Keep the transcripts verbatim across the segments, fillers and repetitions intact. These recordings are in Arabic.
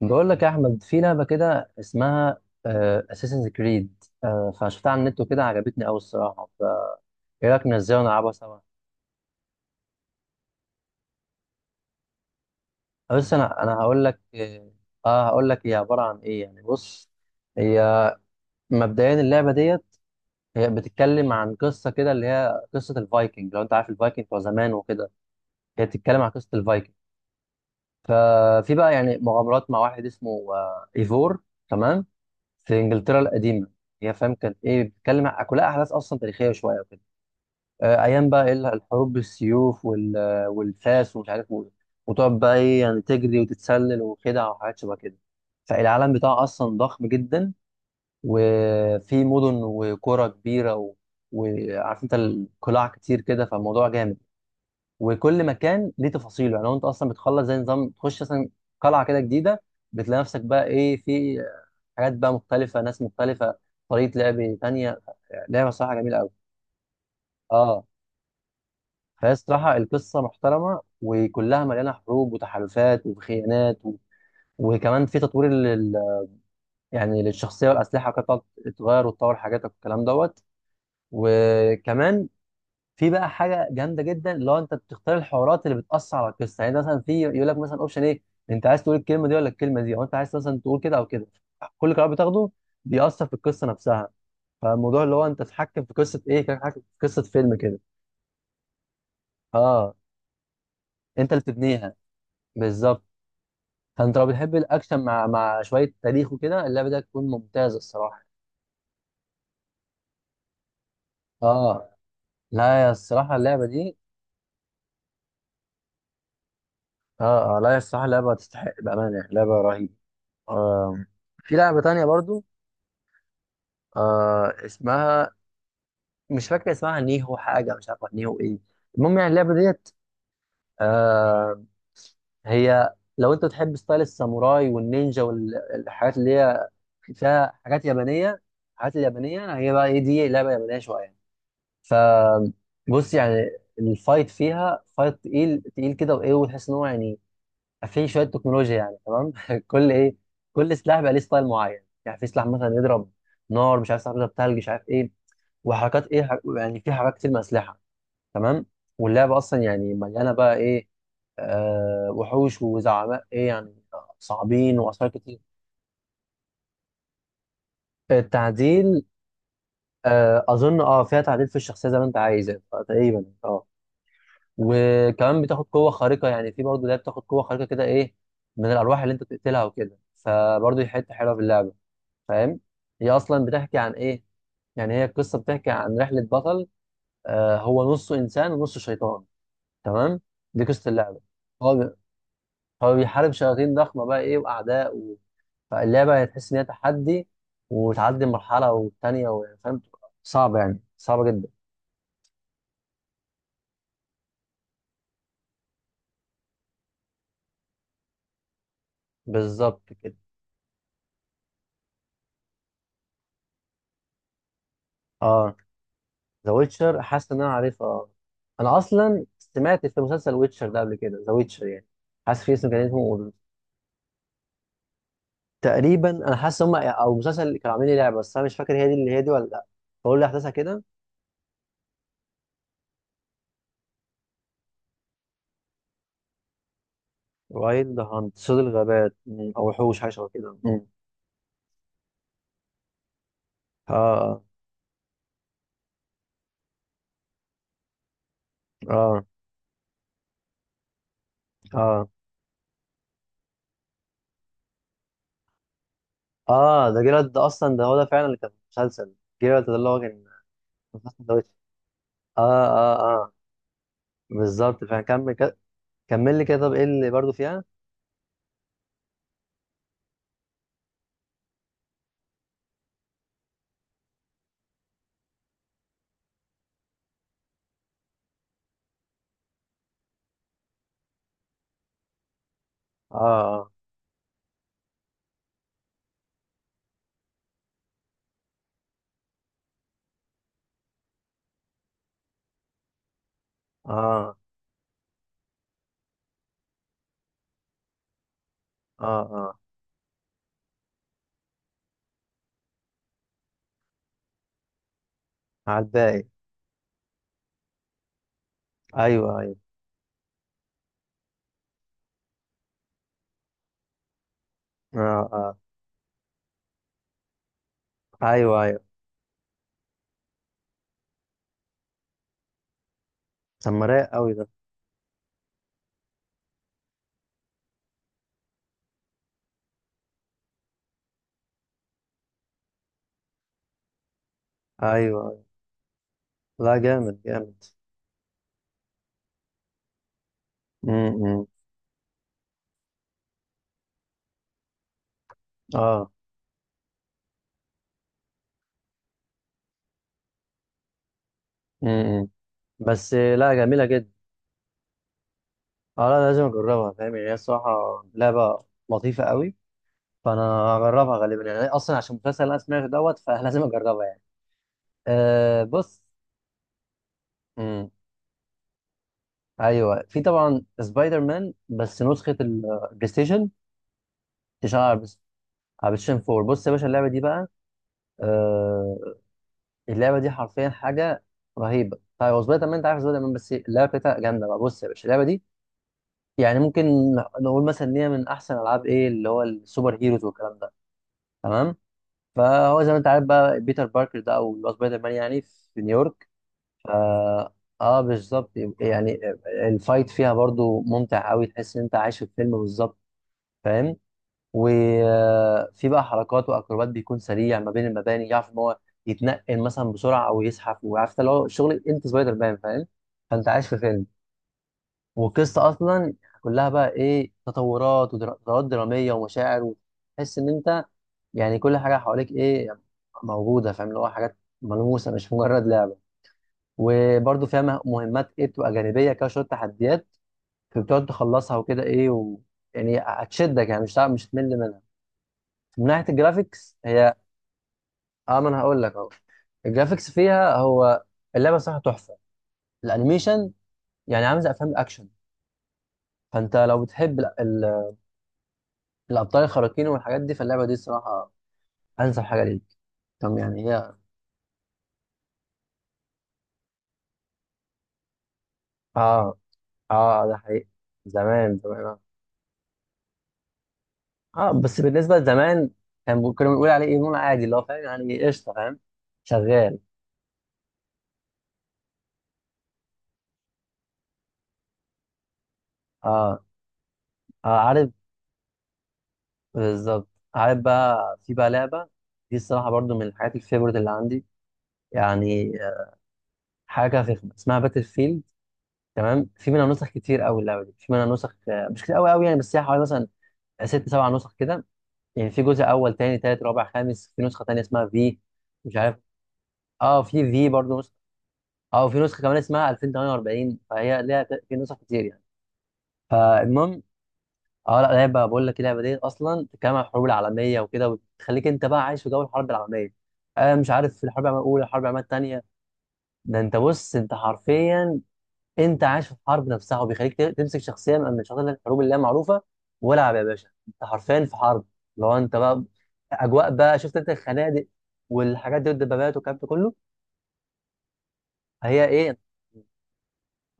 بقول لك يا احمد، في لعبه كده اسمها اساسنز كريد، فشفتها على النت وكده، عجبتني قوي الصراحه. فايه رايك ننزلها ونلعبها سوا؟ أه، بس انا انا هقول لك اه. آه، هقول لك هي عباره عن ايه. يعني بص، هي مبدئيا اللعبه ديت هي بتتكلم عن قصه كده، اللي هي قصه الفايكنج. لو انت عارف الفايكنج بتوع زمان وكده، هي بتتكلم عن قصه الفايكنج. ففي بقى يعني مغامرات مع واحد اسمه آه، ايفور، تمام، في انجلترا القديمه. هي فاهم كانت ايه، بتتكلم عن- كلها احداث اصلا تاريخيه شويه وكده. آه، ايام بقى ايه الحروب بالسيوف وال- آه، والفاس ومش عارف و- وتقعد بقى ايه يعني تجري وتتسلل وخدع وحاجات شبه كده. فالعالم بتاعه اصلا ضخم جدا، وفي مدن وقرى كبيره و... وعارف انت القلاع كتير كده، فالموضوع جامد. وكل مكان ليه تفاصيله. يعني لو انت اصلا بتخلص زي نظام، تخش مثلا قلعه كده جديده، بتلاقي نفسك بقى ايه في حاجات بقى مختلفه، ناس مختلفه، طريقه لعب تانيه. لعبه صراحه جميله قوي. اه. فهي الصراحة القصة محترمة، وكلها مليانة حروب وتحالفات وخيانات و... وكمان في تطوير لل... يعني للشخصية والأسلحة وكده، بتقعد تتغير وتطور حاجاتك والكلام دوت. وكمان في بقى حاجة جامدة جدا، اللي هو أنت بتختار الحوارات اللي بتأثر على القصة. يعني أنت مثلا في يقول لك مثلا أوبشن إيه، أنت عايز تقول الكلمة دي ولا الكلمة دي، أو أنت عايز مثلا تقول كده أو كده. كل قرار بتاخده بيأثر في القصة نفسها. فالموضوع اللي هو أنت تتحكم في قصة إيه، كأنك تتحكم في قصة فيلم كده. أه. أنت اللي بتبنيها، بالظبط. فانت لو بتحب الاكشن مع مع شويه تاريخ وكده، اللعبه دي هتكون ممتازه الصراحه. اه. لا يا الصراحه اللعبه دي، اه, آه لا يا الصراحه اللعبه تستحق بامانه، يعني لعبه رهيبه. آه في لعبه تانية برضو. آه اسمها مش فاكر اسمها، نيهو حاجه، مش عارفه نيهو ايه. المهم يعني اللعبه ديت، آه هي لو انت بتحب ستايل الساموراي والنينجا والحاجات اللي هي فيها حاجات يابانيه. الحاجات اليابانيه هي بقى ايه، دي لعبه يابانيه شويه. فبص يعني، الفايت فيها فايت تقيل تقيل كده وايه، وتحس ان هو يعني فيه شويه تكنولوجيا يعني، تمام. كل ايه، كل سلاح بقى ليه ستايل معين. يعني في سلاح مثلا يضرب نار، مش عارف، سلاح يضرب ثلج، مش عارف ايه. وحركات ايه حر- يعني في حركات كتير من الاسلحه. تمام. واللعبه اصلا يعني مليانه بقى ايه، آه وحوش وزعماء ايه يعني، صعبين، واسرار كتير. التعديل، آه اظن اه فيها تعديل في الشخصيه زي ما انت عايز يعني، تقريبا اه. وكمان بتاخد قوة خارقة، يعني في برضه ده بتاخد قوة خارقة كده ايه، من الأرواح اللي انت بتقتلها وكده، فبرضه دي حتة حلوة في اللعبة. فاهم، هي أصلا بتحكي عن ايه؟ يعني هي القصة بتحكي عن رحلة بطل، آه هو نصه إنسان ونصه شيطان، تمام. دي قصة اللعبة. هو بي- هو بيحارب شياطين ضخمة بقى ايه وأعداء و... فاللعبة هتحس إن هي تحدي، وتعدي مرحلة والتانية و- فاهم، صعبة يعني صعبة جدا. بالظبط كده. اه. ذا ويتشر، حاسس ان انا عارفها اه. انا اصلا سمعت في مسلسل ويتشر ده قبل كده، ذا ويتشر يعني. حاسس في اسم كان اسمه وورد. تقريبا انا حاسس هم او مسلسل اللي كانوا عاملين لي لعبه، بس انا مش فاكر هي دي اللي هي دي ولا لا. بقول لي احداثها كده. وايلد هانت، صيد الغابات، مم. او وحوش، حاجه شبه كده. مم. اه، اه، اه، اه. ده جيرالد ده اصلا ده هو ده فعلا اللي كان في المسلسل. جيرالد ده اللي هو كان في مسلسل ذا ويتشر. اه، اه، اه. بالظبط، فكمل كده. كمل لي كده، طب ايه اللي برضه فيها. اه، اه، اه، اه، اه، على الباقي. ايوه، ايوه، اه، اه. ايوه، ايوه. طب ما رايق قوي ده. ايوه، ايوه. لا، جامد جامد. امم. اه. امم. بس لا، جميله جدا. اه، لا لازم اجربها. فاهم يعني، هي الصراحه لعبه لطيفه قوي. فانا هجربها غالبا يعني، اصلا عشان المسلسل اللي انا سمعته دوت، فلازم اجربها يعني. آه بص. امم. ايوه، في طبعا سبايدر مان، بس نسخه البلاي ستيشن، تشتغل على البلاي ستيشن أربعة. بص يا باشا، اللعبه دي بقى، آه، اللعبه دي حرفيا حاجه رهيبه. طيب، هو سبايدر مان، انت عارف سبايدر مان، بس اللعبه بتاعتها جامده بقى. بص يا باشا، اللعبه دي يعني ممكن نقول مثلا ان هي من احسن العاب ايه، اللي هو السوبر هيروز والكلام ده، تمام. فهو زي ما انت عارف بقى بيتر باركر ده، او اللي هو سبايدر مان يعني، في نيويورك. ف، اه بالظبط. يعني الفايت فيها برضو ممتع قوي، تحس ان انت عايش في فيلم بالظبط. فاهم، وفي بقى حركات واكروبات، بيكون سريع ما بين المباني، يعرف ان هو يتنقل مثلا بسرعه، او يزحف، وعارف اللي هو شغل انت سبايدر مان. فاهم، فانت عايش في فيلم. والقصه اصلا كلها بقى ايه تطورات، وتطورات دراميه ومشاعر، وتحس ان انت يعني كل حاجه حواليك ايه موجوده. فاهم، اللي هو حاجات ملموسه، مش مجرد لعبه. وبرده فيها مه- مهمات ايه بتبقى جانبيه كده، شويه تحديات بتقعد تخلصها وكده ايه و... يعني هتشدك، يعني مش هتعرف- مش هتمل منها. من ناحيه الجرافيكس هي، اه ما انا هقول لك اهو. الجرافيكس فيها هو، اللعبه صراحه تحفه. الانيميشن يعني عامل زي افلام الاكشن. فانت لو بتحب ال- ال- الابطال الخارقين والحاجات دي، فاللعبه دي صراحه انسب حاجه ليك. طب يعني هي، اه. اه ده حقيقي، زمان زمان اه. آه، بس بالنسبه لزمان، كان بي- كنا بنقول عليه ايه، نقول عادي اللي هو فاهم يعني، قشطه فاهم، شغال. اه، اه عارف، بالظبط. عارف بقى، في بقى لعبه دي الصراحه برضو من الحاجات الفيفورت اللي عندي، يعني حاجه فخمه، اسمها باتل فيلد، تمام. في منها نسخ كتير قوي، اللعبه دي في منها نسخ آه، مش كتير قوي قوي يعني، بس هي حوالي مثلا ست سبع نسخ كده يعني. في جزء اول، تاني، تالت، رابع، خامس. في نسخه تانيه اسمها، في مش عارف، اه في في برضه نسخه، اه وفي نسخه كمان اسمها ألفين وثمانية وأربعين. فهي ليها ت- في نسخ كتير يعني. فالمهم اه، لا لعبه بقول لك، اللعبه دي اصلا بتتكلم عن الحروب العالميه وكده، وتخليك انت بقى عايش في جو الحرب العالميه. آه مش عارف، في الحرب العالميه الاولى، الحرب العالميه الثانيه. ده انت بص، انت حرفيا انت عايش في الحرب نفسها، وبيخليك ت- تمسك شخصيه من شخصيات الحروب اللي هي معروفه. والعب يا باشا، انت حرفيا في حرب. لو انت بقى اجواء بقى، شفت انت الخنادق والحاجات دي، والدبابات والكلام ده كله. فهي ايه،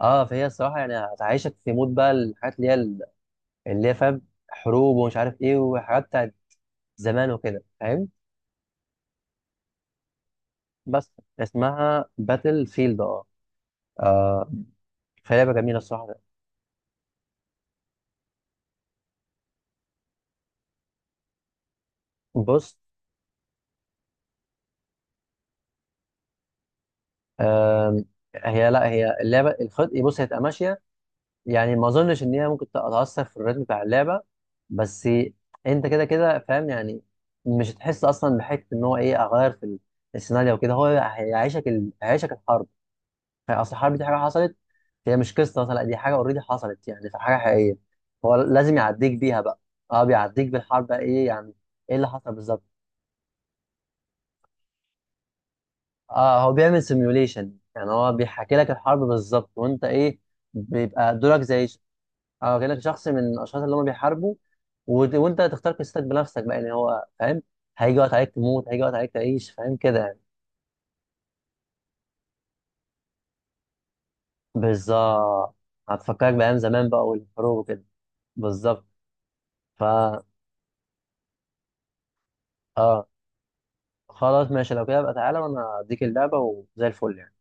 اه فهي الصراحه يعني هتعيشك في مود بقى الحاجات اللي هي ال- اللي هي فاهم، حروب ومش عارف ايه، وحاجات بتاعت زمان وكده فاهم. بس اسمها باتل فيلد اه، فهي لعبه جميله الصراحه. بص، آم، هي لا هي اللعبه الخط، بص هي تبقى ماشيه يعني. ما اظنش ان هي ممكن تتاثر في الريتم بتاع اللعبه، بس انت كده كده فاهم يعني. مش هتحس اصلا بحته ان هو ايه اغير في ال- السيناريو وكده. هو هيعيشك ال... هيعيشك الحرب. يعني اصل الحرب دي حاجه حصلت، هي مش قصه مثلا، لا دي حاجه اوريدي حصلت، يعني في حاجه حقيقيه، هو لازم يعديك بيها بقى. اه، بيعديك بالحرب بقى ايه يعني. ايه اللي حصل بالظبط. اه هو بيعمل سيميوليشن، يعني هو بيحكي لك الحرب بالظبط، وانت ايه بيبقى دورك زي ش- اه كانك شخص من الاشخاص اللي هم بيحاربوا. وت- وانت تختار قصتك بنفسك بقى يعني هو فاهم. هيجي وقت عليك تموت، هيجي وقت عليك تعيش، فاهم كده يعني. بالظبط، هتفكرك بأيام زمان بقى والحروب وكده. بالظبط. فا، اه خلاص، ماشي لو كده بقى، تعالى وانا اديك اللعبة وزي الفل يعني.